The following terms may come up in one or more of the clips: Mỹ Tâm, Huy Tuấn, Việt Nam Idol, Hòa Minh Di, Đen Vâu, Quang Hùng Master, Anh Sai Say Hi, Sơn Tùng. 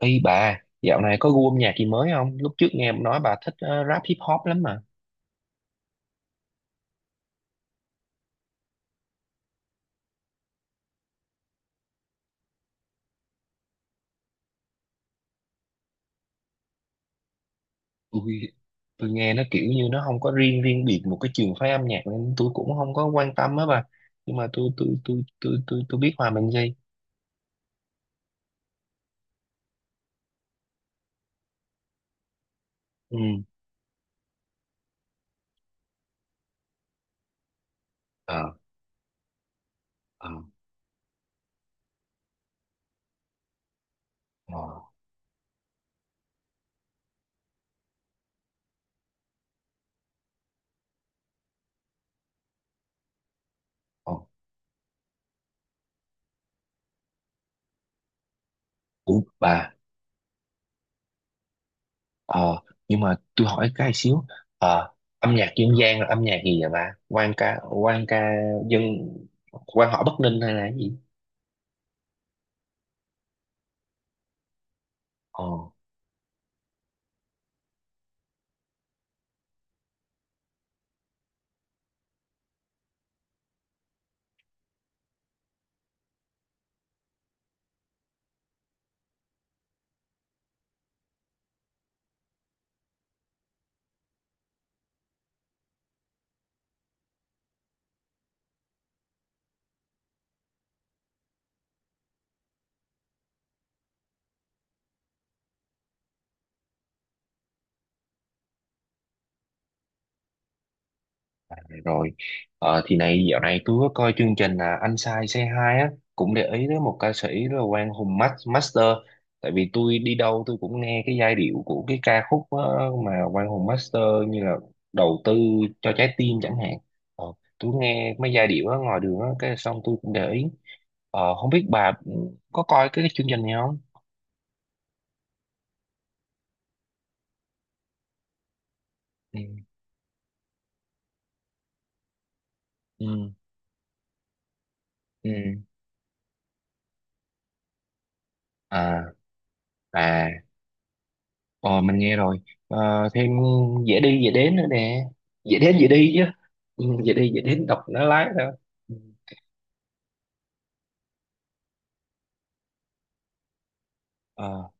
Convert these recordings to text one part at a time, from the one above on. Ý bà, dạo này có gu âm nhạc gì mới không? Lúc trước nghe nói bà thích rap hip hop lắm mà. Ui, tôi nghe nó kiểu như nó không có riêng riêng biệt một cái trường phái âm nhạc nên tôi cũng không có quan tâm á bà. Nhưng mà tôi biết Hòa Minh Di. Ừ. Ờ, ờ, ờ. Ờ. Ủa bà, ờ nhưng mà tôi hỏi cái xíu. Ờ Âm nhạc dân gian là âm nhạc gì vậy bà? Quan ca dân quan họ Bắc Ninh hay là cái gì? Ờ. Rồi, thì này dạo này tôi có coi chương trình là Anh Sai Say Hi á, cũng để ý tới một ca sĩ là Quang Hùng Master. Tại vì tôi đi đâu tôi cũng nghe cái giai điệu của cái ca khúc mà Quang Hùng Master như là đầu tư cho trái tim chẳng hạn. Ờ, tôi nghe mấy giai điệu đó ngoài đường á, cái xong tôi cũng để ý. Không biết bà có coi cái chương trình này không? Ừ. Ừ. Ừ. À, à. Ờ, mình nghe rồi. Thêm dễ đi dễ đến nữa nè, dễ đến dễ đi chứ. Dễ đi dễ đến đọc nó lái thôi. Ừ. Ờ.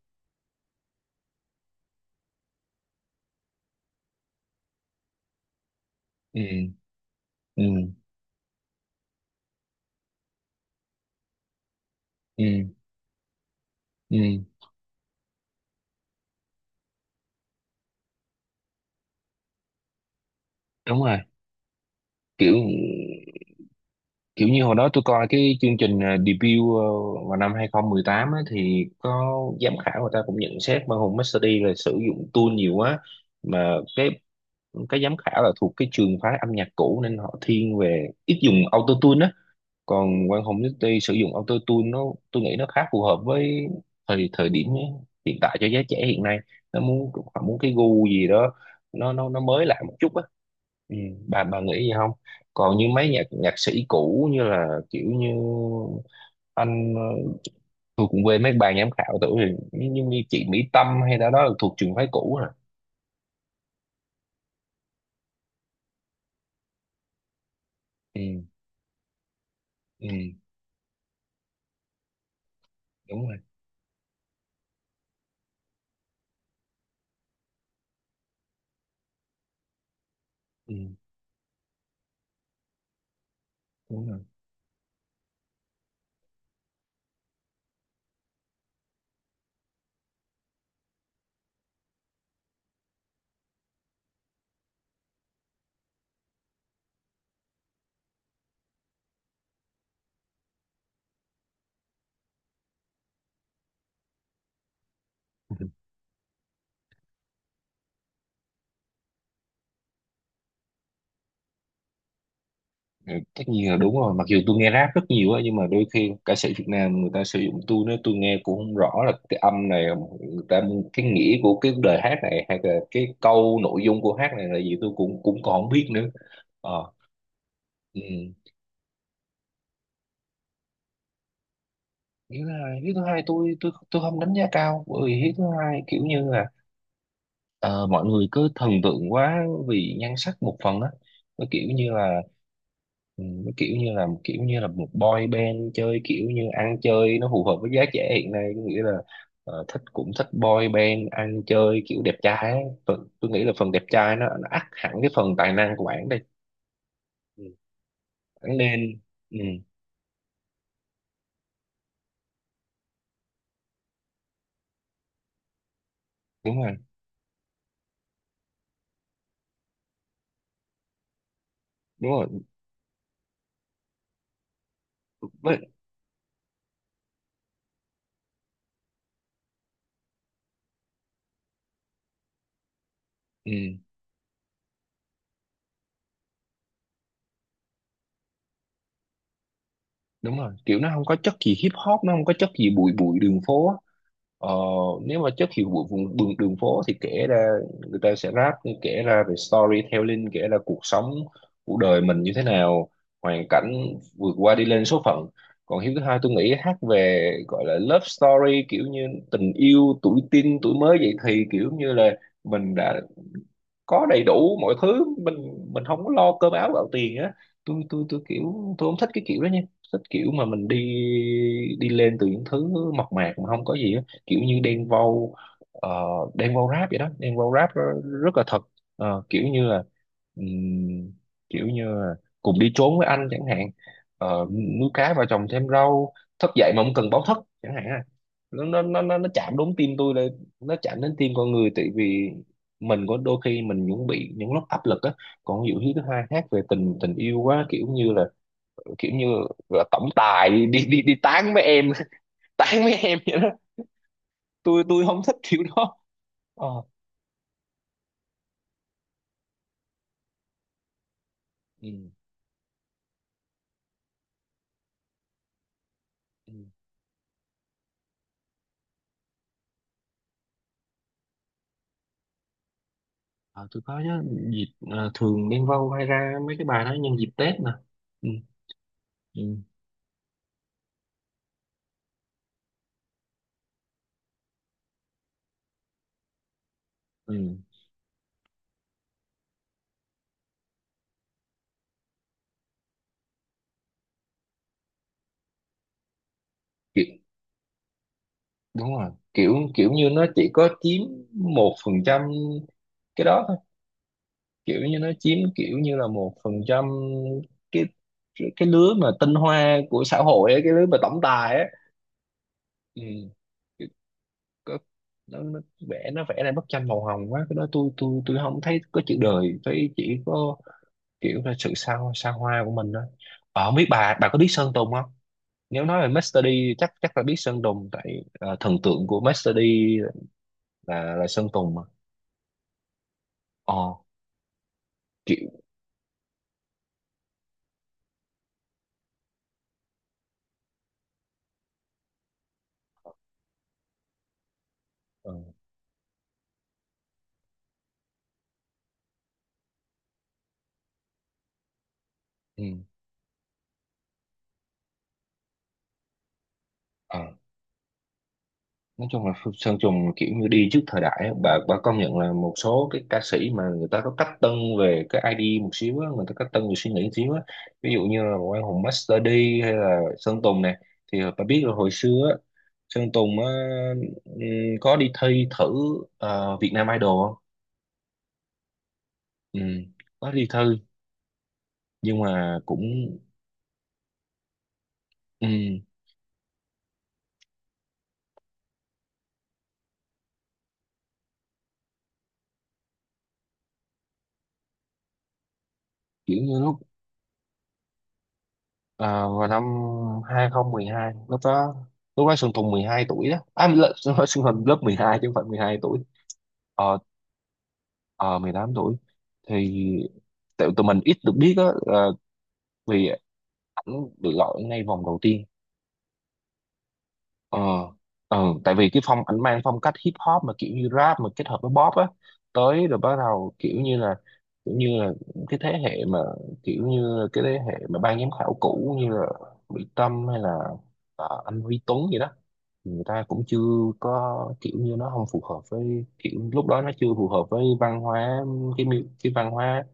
Ừ. Ừ. Ừ. Ừ. Đúng rồi, kiểu kiểu như hồi đó tôi coi cái chương trình debut, vào năm 2018 á, thì có giám khảo người ta cũng nhận xét mà Hùng Master là sử dụng tool nhiều quá mà cái cái giám khảo là thuộc cái trường phái âm nhạc cũ nên họ thiên về ít dùng auto, còn Quang Hùng City sử dụng auto tune nó, tôi nghĩ nó khá phù hợp với thời thời điểm hiện tại cho giới trẻ hiện nay, nó muốn họ muốn cái gu gì đó nó mới lạ một chút á. ừ, bà nghĩ gì không, còn như mấy nhạc nhạc sĩ cũ như là kiểu như anh tôi cũng quên mấy bài giám khảo tuổi rồi như chị Mỹ Tâm hay đó đó là thuộc trường phái cũ rồi. Ừ. Ừ. Đúng rồi. Ừ. Đúng rồi. Ừ, tất nhiên là đúng rồi, mặc dù tôi nghe rap rất nhiều á nhưng mà đôi khi ca sĩ Việt Nam người ta sử dụng tôi nữa tôi nghe cũng không rõ là cái âm này người ta, cái nghĩa của cái lời hát này hay là cái câu nội dung của hát này là gì tôi cũng cũng còn không biết nữa. Ờ. Ừ. Hiếu thứ hai, tôi không đánh giá cao, bởi vì hiếu thứ hai kiểu như là ờ, mọi người cứ thần tượng quá vì nhan sắc một phần á. Nó kiểu như là. Ừ, nó kiểu như là một boy band chơi kiểu như ăn chơi nó phù hợp với giá trẻ hiện nay, có nghĩa là thích cũng thích boy band ăn chơi kiểu đẹp trai ấy. Phần, tôi nghĩ là phần đẹp trai nó ắt hẳn cái phần tài năng của bạn đây. Ừ. Bạn nên. Ừ, đúng rồi. Đúng rồi với. Ừ. Đúng rồi, kiểu nó không có chất gì hip hop, nó không có chất gì bụi bụi đường phố á. ờ, Nếu mà chất gì bụi vùng đường phố thì kể ra người ta sẽ rap, kể ra về storytelling, kể ra cuộc sống, cuộc đời mình như thế nào, hoàn cảnh vượt qua đi lên số phận. Còn hiếu thứ hai tôi nghĩ hát về gọi là love story, kiểu như tình yêu tuổi teen tuổi mới dậy thì, kiểu như là mình đã có đầy đủ mọi thứ, mình không có lo cơm áo gạo tiền á. Tôi kiểu tôi không thích cái kiểu đó nha, thích kiểu mà mình đi, đi lên từ những thứ mộc mạc mà không có gì á, kiểu như đen vâu. Ờ, đen vâu rap vậy đó, đen vâu rất là thật. Ờ, kiểu như là, ừm, kiểu như là cùng đi trốn với anh chẳng hạn. Ờ, Nuôi cá vào trồng thêm rau, thức dậy mà không cần báo thức chẳng hạn à. Nó chạm đúng tim tôi đây, nó chạm đến tim con người, tại vì mình có đôi khi mình cũng bị những lúc áp lực á. Còn ví dụ như thứ hai khác về tình tình yêu quá, kiểu như là, kiểu như là tổng tài đi tán với em. Tán với em vậy đó. Tôi không thích kiểu đó. Ờ. Ừ. Ừ. Ờ, tôi có nhớ dịp thường Đen Vâu hay ra mấy cái bài đó nhân dịp Tết mà. Ừ. Ừ. Ừ. Kiểu đúng rồi, kiểu kiểu như nó chỉ có chiếm 1% cái đó thôi, kiểu như nó chiếm kiểu như là 1% cái cái lứa mà tinh hoa của xã hội ấy, cái lứa mà tổng tài ấy. Ừ. Kiểu có, nó vẽ, nó vẽ ra bức tranh màu hồng quá, cái đó tôi không thấy có chữ đời, thấy chỉ có kiểu là sự xa xa hoa của mình thôi. Ờ, không biết bà có biết Sơn Tùng không, nếu nói về Master D chắc chắc là biết Sơn Tùng, tại thần tượng của Master D là Sơn Tùng mà. Ờ. Kiểu. Ờ. Ừ. Ờ. Nói chung là Sơn Tùng kiểu như đi trước thời đại á. Bà công nhận là một số cái ca sĩ mà người ta có cách tân về cái ID một xíu á, người ta cách tân về suy nghĩ một xíu á, ví dụ như là Quang Hùng Master D hay là Sơn Tùng này, thì bà biết là hồi xưa á, Sơn Tùng á, ừm, có đi thi thử Việt Nam Idol không? Ừm, có đi thi nhưng mà cũng, ừm, kiểu như lúc ờ, vào năm 2012, lúc đó, lúc đó Sơn Tùng 12 tuổi đó à, lớp, Sơn Tùng lớp 12 chứ không phải 12 tuổi. Ờ, ờ, 18 tuổi thì tại tụi mình ít được biết á, vì ảnh được gọi ngay vòng đầu tiên. ờ ờ, Tại vì cái phong ảnh mang phong cách hip hop mà kiểu như rap mà kết hợp với pop á, tới rồi bắt đầu kiểu như là, kiểu như là cái thế hệ mà, kiểu như cái thế hệ mà ban giám khảo cũ như là Mỹ Tâm hay là anh Huy Tuấn gì đó, người ta cũng chưa có, kiểu như nó không phù hợp với kiểu lúc đó nó chưa phù hợp với văn hóa, cái văn hóa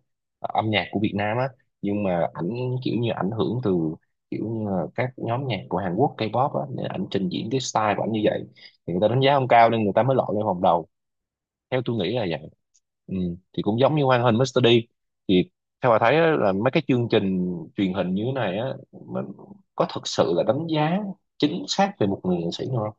âm nhạc của Việt Nam á, nhưng mà ảnh kiểu như ảnh hưởng từ kiểu như là các nhóm nhạc của Hàn Quốc K-pop á, nên ảnh trình diễn cái style của ảnh như vậy thì người ta đánh giá không cao nên người ta mới lọt lên vòng đầu, theo tôi nghĩ là vậy. Ừ. Thì cũng giống như Hoàng Hình Mr. D thì theo bà thấy á, là mấy cái chương trình truyền hình như thế này á, mình có thực sự là đánh giá chính xác về một người nghệ sĩ không?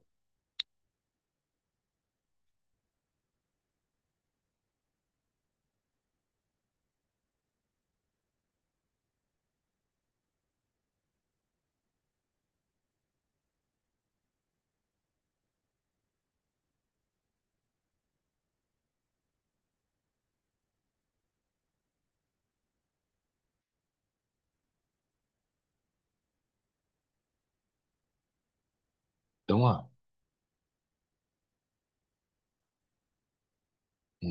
Đúng rồi. Ừ.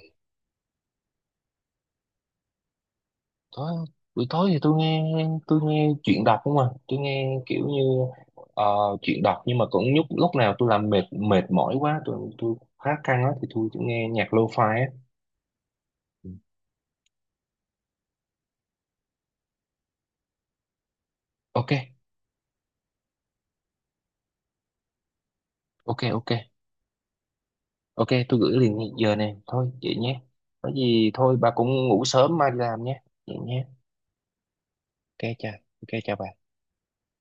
tối Buổi tối thì tôi nghe chuyện đọc không à, tôi nghe kiểu như ờ, chuyện đọc, nhưng mà cũng lúc lúc nào tôi làm mệt mệt mỏi quá, tôi khá căng á thì tôi chỉ nghe nhạc lo-fi á. Ừ. Ok. Ok, ok. Ok, tôi gửi liền ngay giờ này thôi vậy nhé. Có gì thôi bà cũng ngủ sớm mai đi làm nhé, vậy nhé. Ok, chào. Ok, chào bà.